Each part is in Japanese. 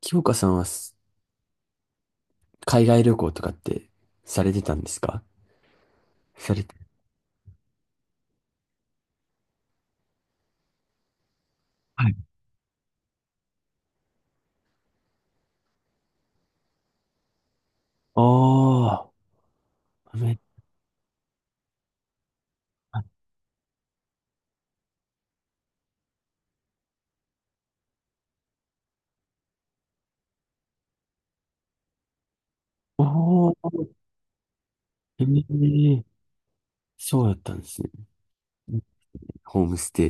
清香さんはす海外旅行とかってされてたんですか？されて。はい。ああ、おー、ええ、そうだったんですね。ホームステ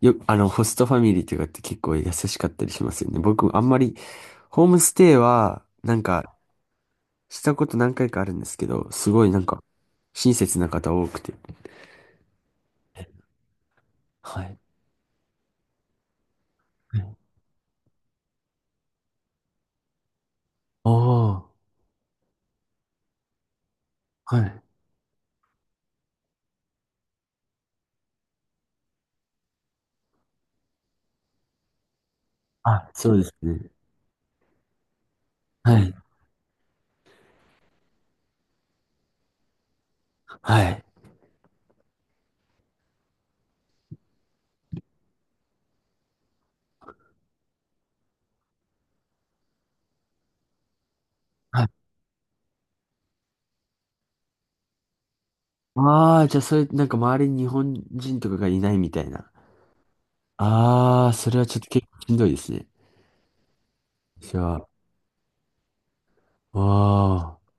イ。あの、ホストファミリーとかって結構優しかったりしますよね。僕、あんまり、ホームステイは、なんか、したこと何回かあるんですけど、すごいなんか、親切な方多くて。はい。ああー、はい。あ、そうですね。はい。はい。ああ、じゃあそれ、なんか周りに日本人とかがいないみたいな。ああ、それはちょっと結構しんどいですね。じゃあ、ああ。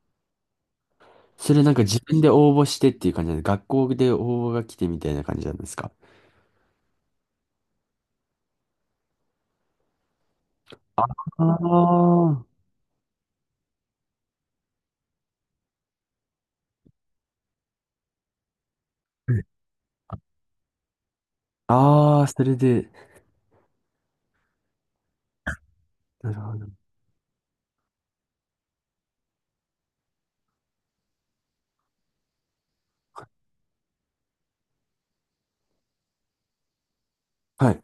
それなんか自分で応募してっていう感じなんで、学校で応募が来てみたいな感じなんですか？ああ。ああ、それで、なるほど。はい。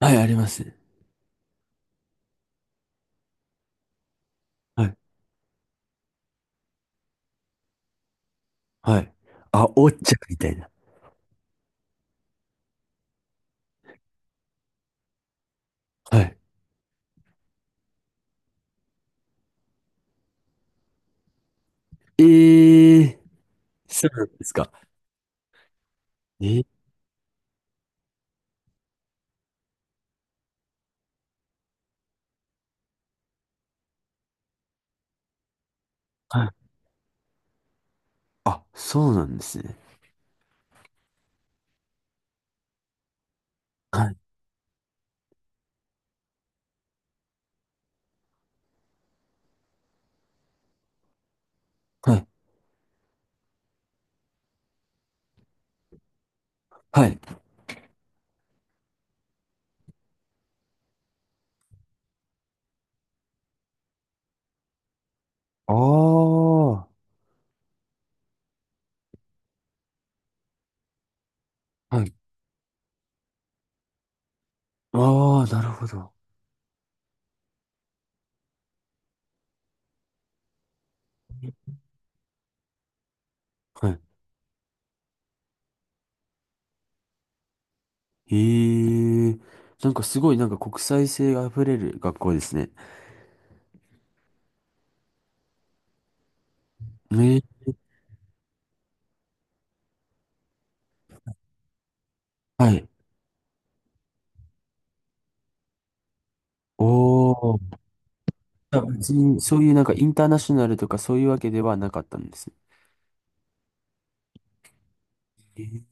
はい、あります。はい。はい。あ、おっちゃんみたいな。はい。ええー、そうなんですか？えー、はい。あ、そうなんですね。はい。はい。はい。ああ。はい。ああ、なるほど。はい。ええ、なんかすごいなんか国際性が溢れる学校ですね。ね。はい。おお。あ、別にそういうなんかインターナショナルとかそういうわけではなかったんですね。えー、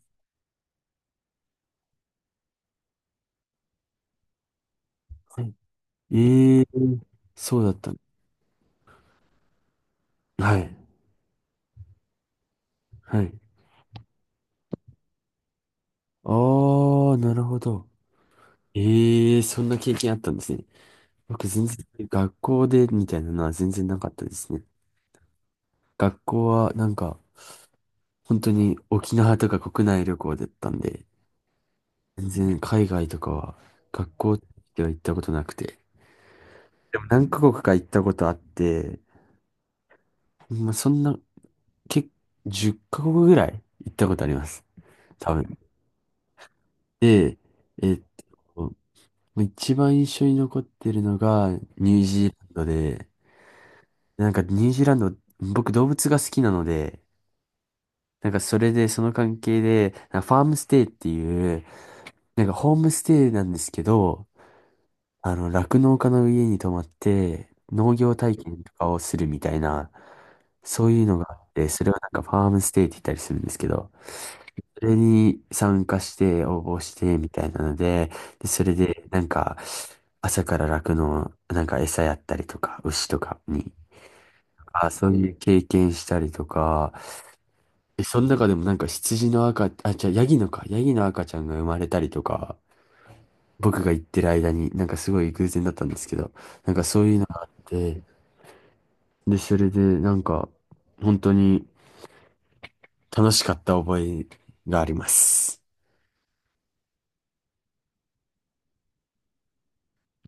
はい、ええ、そうだった。はい。はい。ああ、なるほど。ええ、そんな経験あったんですね。僕全然学校でみたいなのは全然なかったですね。学校はなんか本当に沖縄とか国内旅行だったんで、全然海外とかは、学校では行ったことなくて。でも何カ国か行ったことあって、まあ、そんな、結10カ国ぐらい行ったことあります。多分。で、えっと、一番印象に残ってるのがニュージーランドで、なんかニュージーランド、僕動物が好きなので、なんかそれでその関係で、なんかファームステイっていう、なんかホームステイなんですけど、あの、酪農家の家に泊まって、農業体験とかをするみたいな、そういうのがあって、それはなんかファームステイって言ったりするんですけど、それに参加して応募してみたいなので、で、それでなんか朝から酪農、なんか餌やったりとか、牛とかに、あ、そういう経験したりとか、え、その中でもなんか羊の赤、あ、じゃあヤギの赤ちゃんが生まれたりとか、僕が行ってる間に、なんかすごい偶然だったんですけど、なんかそういうのがあって、で、それでなんか、本当に楽しかった覚えがあります。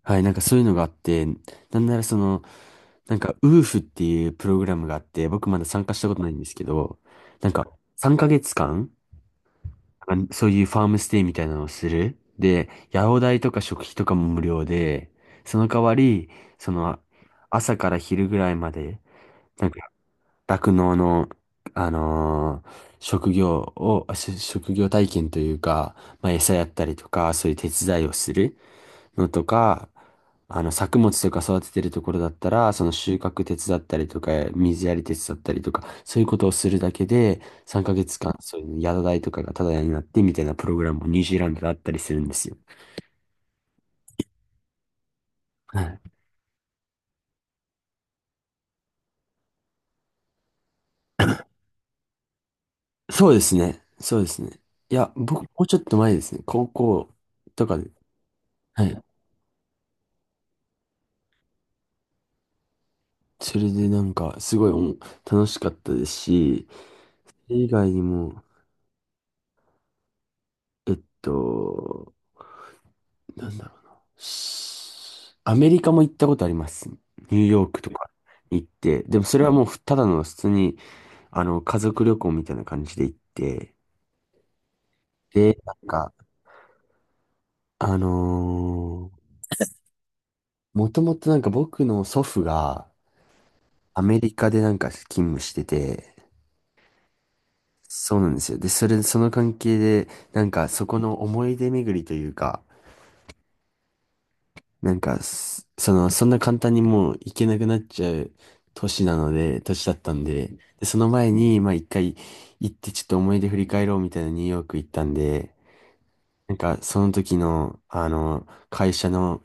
はい、なんかそういうのがあって、なんならその、なんか、ウーフっていうプログラムがあって、僕まだ参加したことないんですけど、なんか、3ヶ月間、あ、そういうファームステイみたいなのをする。で、野郎代とか食費とかも無料で、その代わり、その、朝から昼ぐらいまで、なんか酪農の、職業を、あし職業体験というか、まあ、餌やったりとか、そういう手伝いをするのとか、あの、作物とか育ててるところだったら、その収穫手伝ったりとか、水やり手伝ったりとか、そういうことをするだけで、3ヶ月間、そういう宿代とかがタダになってみたいなプログラムもニュージーランドであったりするんですよ。はい。そうですね。そうですね。いや、僕、もうちょっと前ですね。高校とかで。はい。それでなんか、すごい楽しかったですし、それ以外にも、えっと、なんだろうな。アメリカも行ったことあります。ニューヨークとか行って。でもそれはもうふただの普通に、あの、家族旅行みたいな感じで行って。で、なんか、あのーもともとなんか僕の祖父がアメリカでなんか勤務してて、そうなんですよ。で、それ、その関係で、なんかそこの思い出巡りというか、なんかす、その、そんな簡単にもう行けなくなっちゃう年なので、年だったんで、で、その前に、まあ一回行ってちょっと思い出振り返ろうみたいなニューヨーク行ったんで、なんかその時の、あの、会社の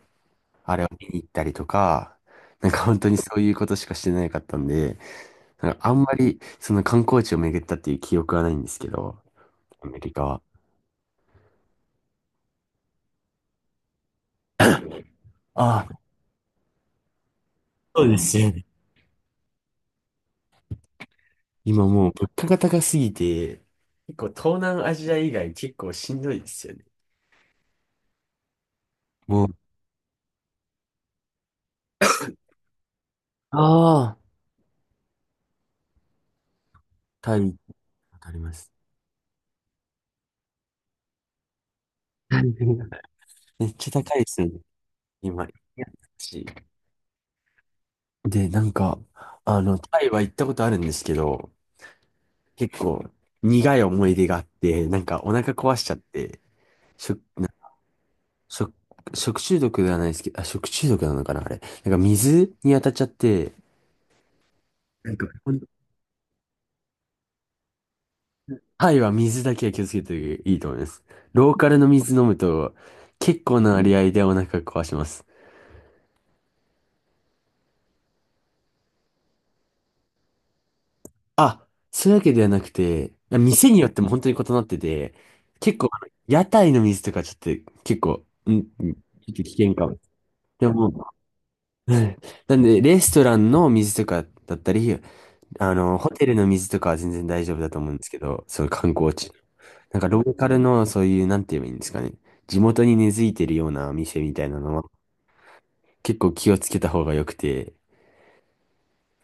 あれを見に行ったりとか、なんか本当にそういうことしかしてなかったんで、なんかあんまりその観光地を巡ったっていう記憶はないんですけど、アメリカは。ああ、そうですよね。今もう物価が高すぎて、結構東南アジア以外結構しんどいですよね。もう、ああ、タイ、わかります。はい。めっちゃ高いですよね、今。いやしで、なんか、あの、タイは行ったことあるんですけど、結構苦い思い出があって、なんかお腹壊しちゃって、食、食、食中毒ではないですけど、あ、食中毒なのかな、あれ。なんか水に当たっちゃって、なんかタイは水だけは気をつけていいと思います。ローカルの水飲むと結構な割合でお腹壊します。あ、そういうわけではなくて、店によっても本当に異なってて、結構あの屋台の水とか、ちょっと結構、うん、うん、ちょっと危険かも。でも、うん、なんでレストランの水とかだったり、あの、ホテルの水とかは全然大丈夫だと思うんですけど、そういう観光地。なんかローカルのそういう、なんて言えばいいんですかね。地元に根付いてるような店みたいなのは結構気をつけた方が良くて、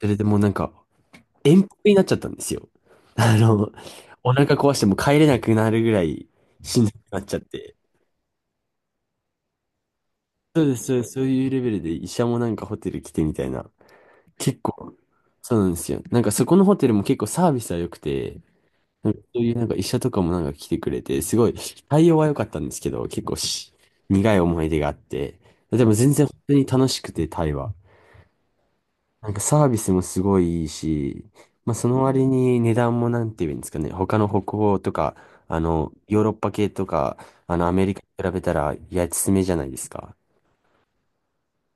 それでもうなんか、遠方になっちゃったんですよ。あの、お腹壊してもう帰れなくなるぐらいしんどくなっちゃって。そうです、そうです、そういうレベルで医者もなんかホテル来てみたいな。結構、そうなんですよ。なんかそこのホテルも結構サービスは良くて、なんかそういうなんか医者とかもなんか来てくれて、すごい対応は良かったんですけど、結構苦い思い出があって、でも全然本当に楽しくて、タイは。なんかサービスもすごいいいし、まあその割に値段もなんて言うんですかね、他の北欧とか、あの、ヨーロッパ系とか、あの、アメリカに比べたら安めじゃないですか。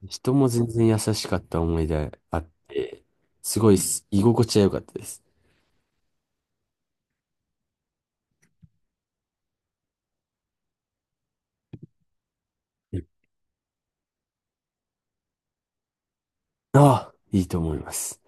人も全然優しかった思い出あって、すごい居心地は良かったです。ああ、いいと思います。